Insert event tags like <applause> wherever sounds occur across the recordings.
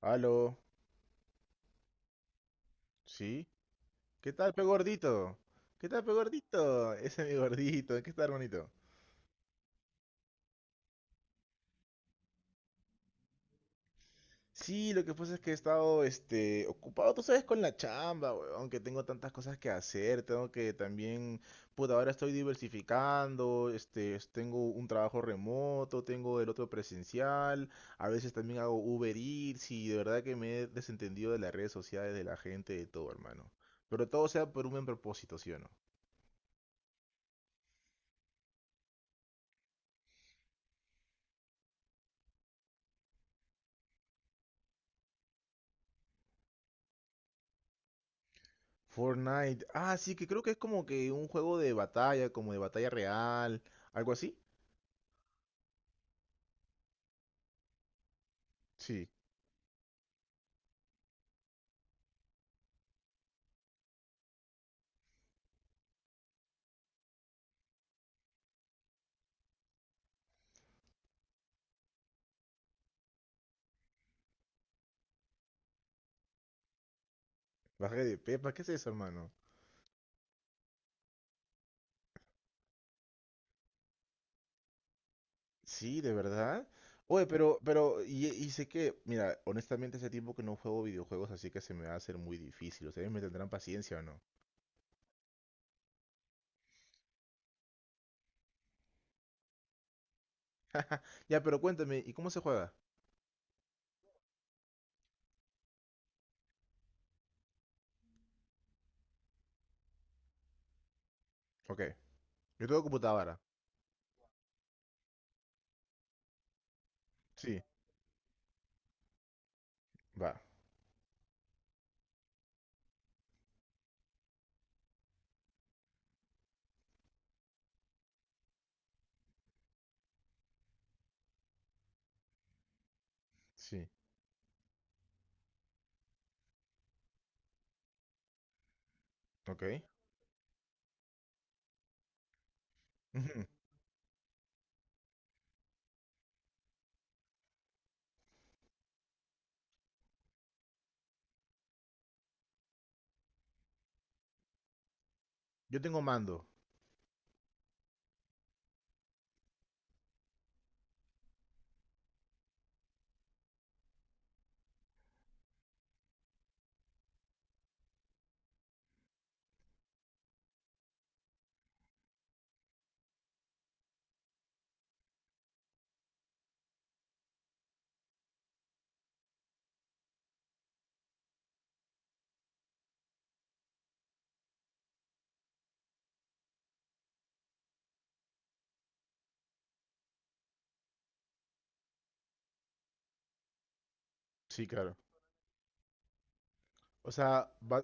Aló, ¿sí? ¿Qué tal, pe gordito? ¿Qué tal, pe gordito? Ese es mi gordito, ¿qué tal, hermanito? Sí, lo que pasa es que he estado, ocupado, tú sabes, con la chamba, aunque tengo tantas cosas que hacer, tengo que también, pues ahora estoy diversificando, tengo un trabajo remoto, tengo el otro presencial, a veces también hago Uber Eats y de verdad que me he desentendido de las redes sociales, de la gente, de todo, hermano. Pero todo sea por un buen propósito, ¿sí o no? Fortnite. Ah, sí, que creo que es como que un juego de batalla, como de batalla real, algo así. Sí, baja de Pepa, ¿qué es eso, hermano? Sí, de verdad. Oye, y sé que, mira, honestamente hace tiempo que no juego videojuegos, así que se me va a hacer muy difícil. Ustedes me tendrán paciencia o no. <laughs> Ya, pero cuéntame, ¿y cómo se juega? Ok, yo tengo computadora. Sí, va, sí, ok. <laughs> Ujú. Yo tengo mando. Sí, claro. O sea, va,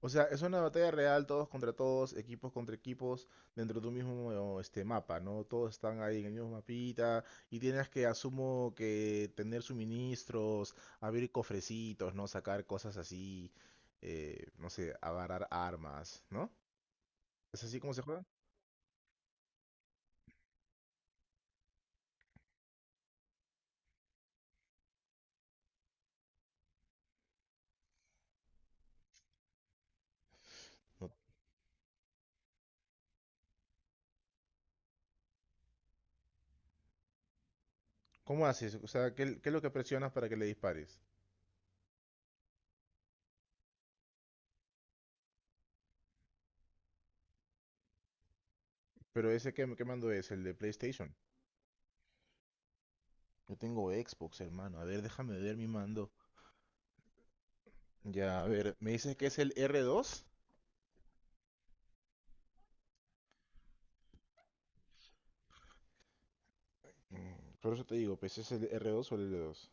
o sea, es una batalla real, todos contra todos, equipos contra equipos, dentro de un mismo este mapa, ¿no? Todos están ahí en el mismo mapita y tienes que, asumo, que tener suministros, abrir cofrecitos, ¿no? Sacar cosas así, no sé, agarrar armas, ¿no? ¿Es así como se juega? No. ¿Cómo haces? O sea, ¿qué es lo que presionas para que le dispares? Pero ese qué que mando es, el de PlayStation. Yo tengo Xbox, hermano. A ver, déjame ver mi mando. Ya, a ver, ¿me dices que es el R2? Mm, por eso te digo, pues es el R2 o el L2.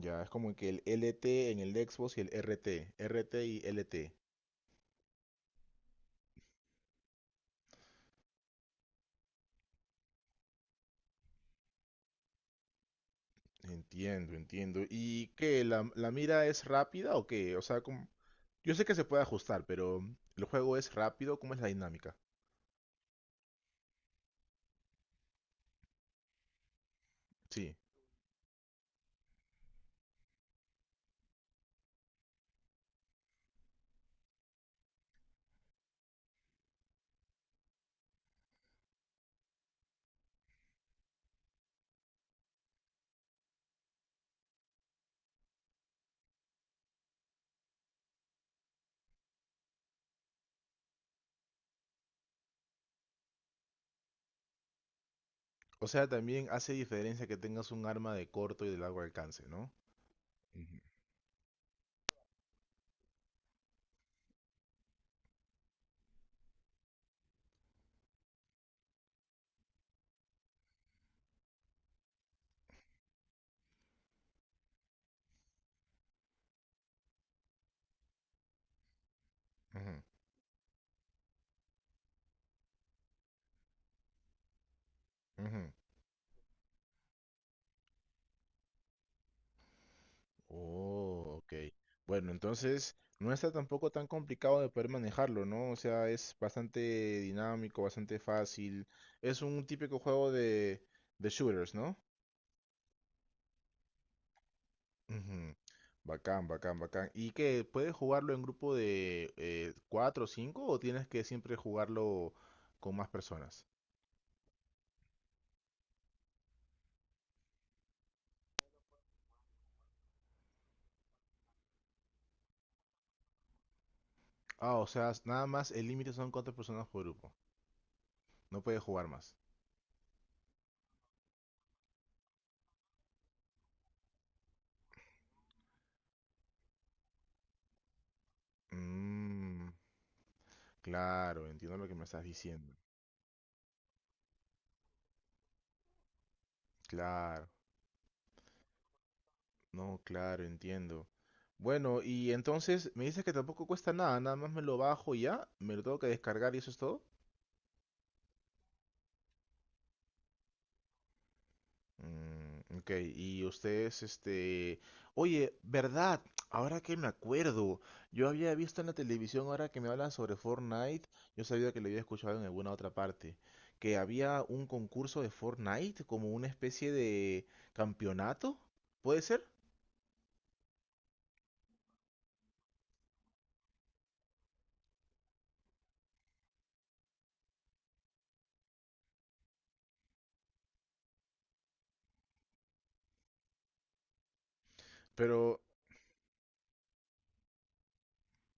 Ya, es como que el LT en el Xbox y el RT. RT y LT. Entiendo, entiendo. ¿Y qué? ¿La mira es rápida o qué? O sea, como... yo sé que se puede ajustar, pero ¿el juego es rápido? ¿Cómo es la dinámica? Sí. O sea, también hace diferencia que tengas un arma de corto y de largo alcance, ¿no? Ujú, ujú, ujú. Oh, ok. Bueno, entonces no está tampoco tan complicado de poder manejarlo, ¿no? O sea, es bastante dinámico, bastante fácil. Es un típico juego de shooters, ¿no? Ujú. Bacán, bacán, bacán. ¿Y qué? ¿Puedes jugarlo en grupo de cuatro o cinco o tienes que siempre jugarlo con más personas? Ah, o sea, nada más el límite son cuatro personas por grupo. No puedes jugar más. Mm, claro, entiendo lo que me estás diciendo. Claro. No, claro, entiendo. Bueno, y entonces me dices que tampoco cuesta nada, nada más me lo bajo y ya, me lo tengo que descargar y eso es todo. Mm, ok, y ustedes, este... Oye, ¿verdad? Ahora que me acuerdo, yo había visto en la televisión, ahora que me hablan sobre Fortnite, yo sabía que lo había escuchado en alguna otra parte, que había un concurso de Fortnite, como una especie de campeonato, ¿puede ser? Pero...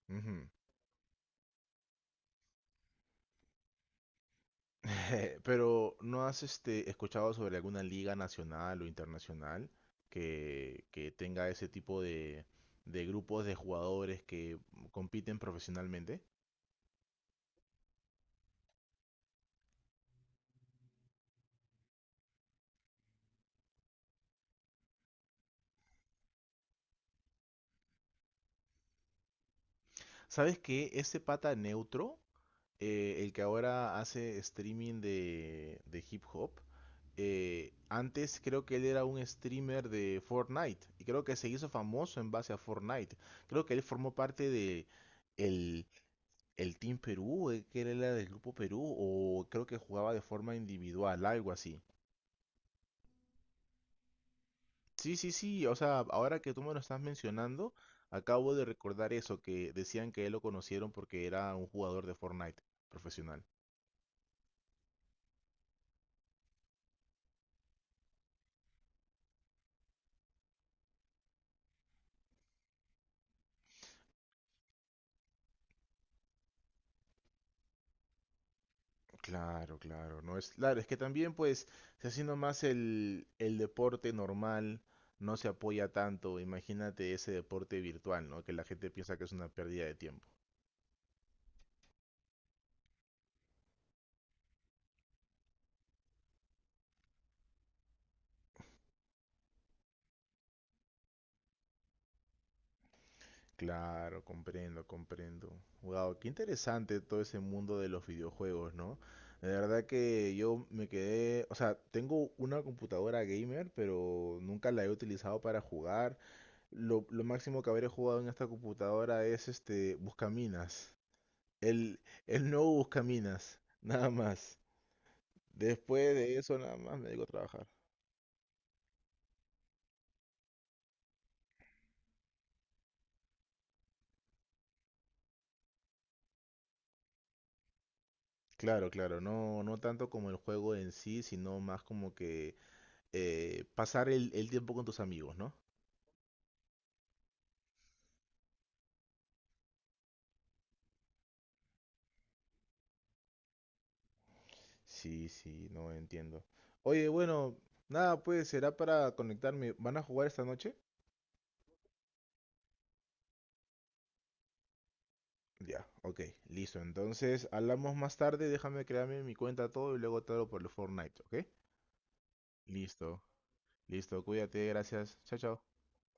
ujú. <laughs> Pero, ¿no has escuchado sobre alguna liga nacional o internacional que tenga ese tipo de grupos de jugadores que compiten profesionalmente? ¿Sabes que ese pata neutro, el que ahora hace streaming de hip hop, antes creo que él era un streamer de Fortnite y creo que se hizo famoso en base a Fortnite. Creo que él formó parte de el el Team Perú, que él era del Grupo Perú, o creo que jugaba de forma individual, algo así. Sí, sí, sí, o sea, ahora que tú me lo estás mencionando, acabo de recordar eso, que decían que él lo conocieron porque era un jugador de Fortnite profesional. Claro, claro, no es, claro, es que también pues se haciendo más el deporte normal, no se apoya tanto, imagínate ese deporte virtual, ¿no? Que la gente piensa que es una pérdida de tiempo. Claro, comprendo, comprendo. Wow, qué interesante todo ese mundo de los videojuegos, ¿no? De verdad que yo me quedé, o sea, tengo una computadora gamer, pero nunca la he utilizado para jugar. Lo máximo que habré jugado en esta computadora es este Buscaminas. El, el nuevo Buscaminas, <laughs> nada más. Después de eso, nada más me dedico a trabajar. Claro, claro, no, no tanto como el juego en sí, sino más como que pasar el tiempo con tus amigos, ¿no? Sí, sí, no entiendo. Oye, bueno, nada, pues será para conectarme. ¿Van a jugar esta noche? Ya, ok, listo. Entonces, hablamos más tarde, déjame crearme mi cuenta todo y luego te hablo por el Fortnite, ¿ok? Listo, listo, cuídate, gracias. Chao, chao.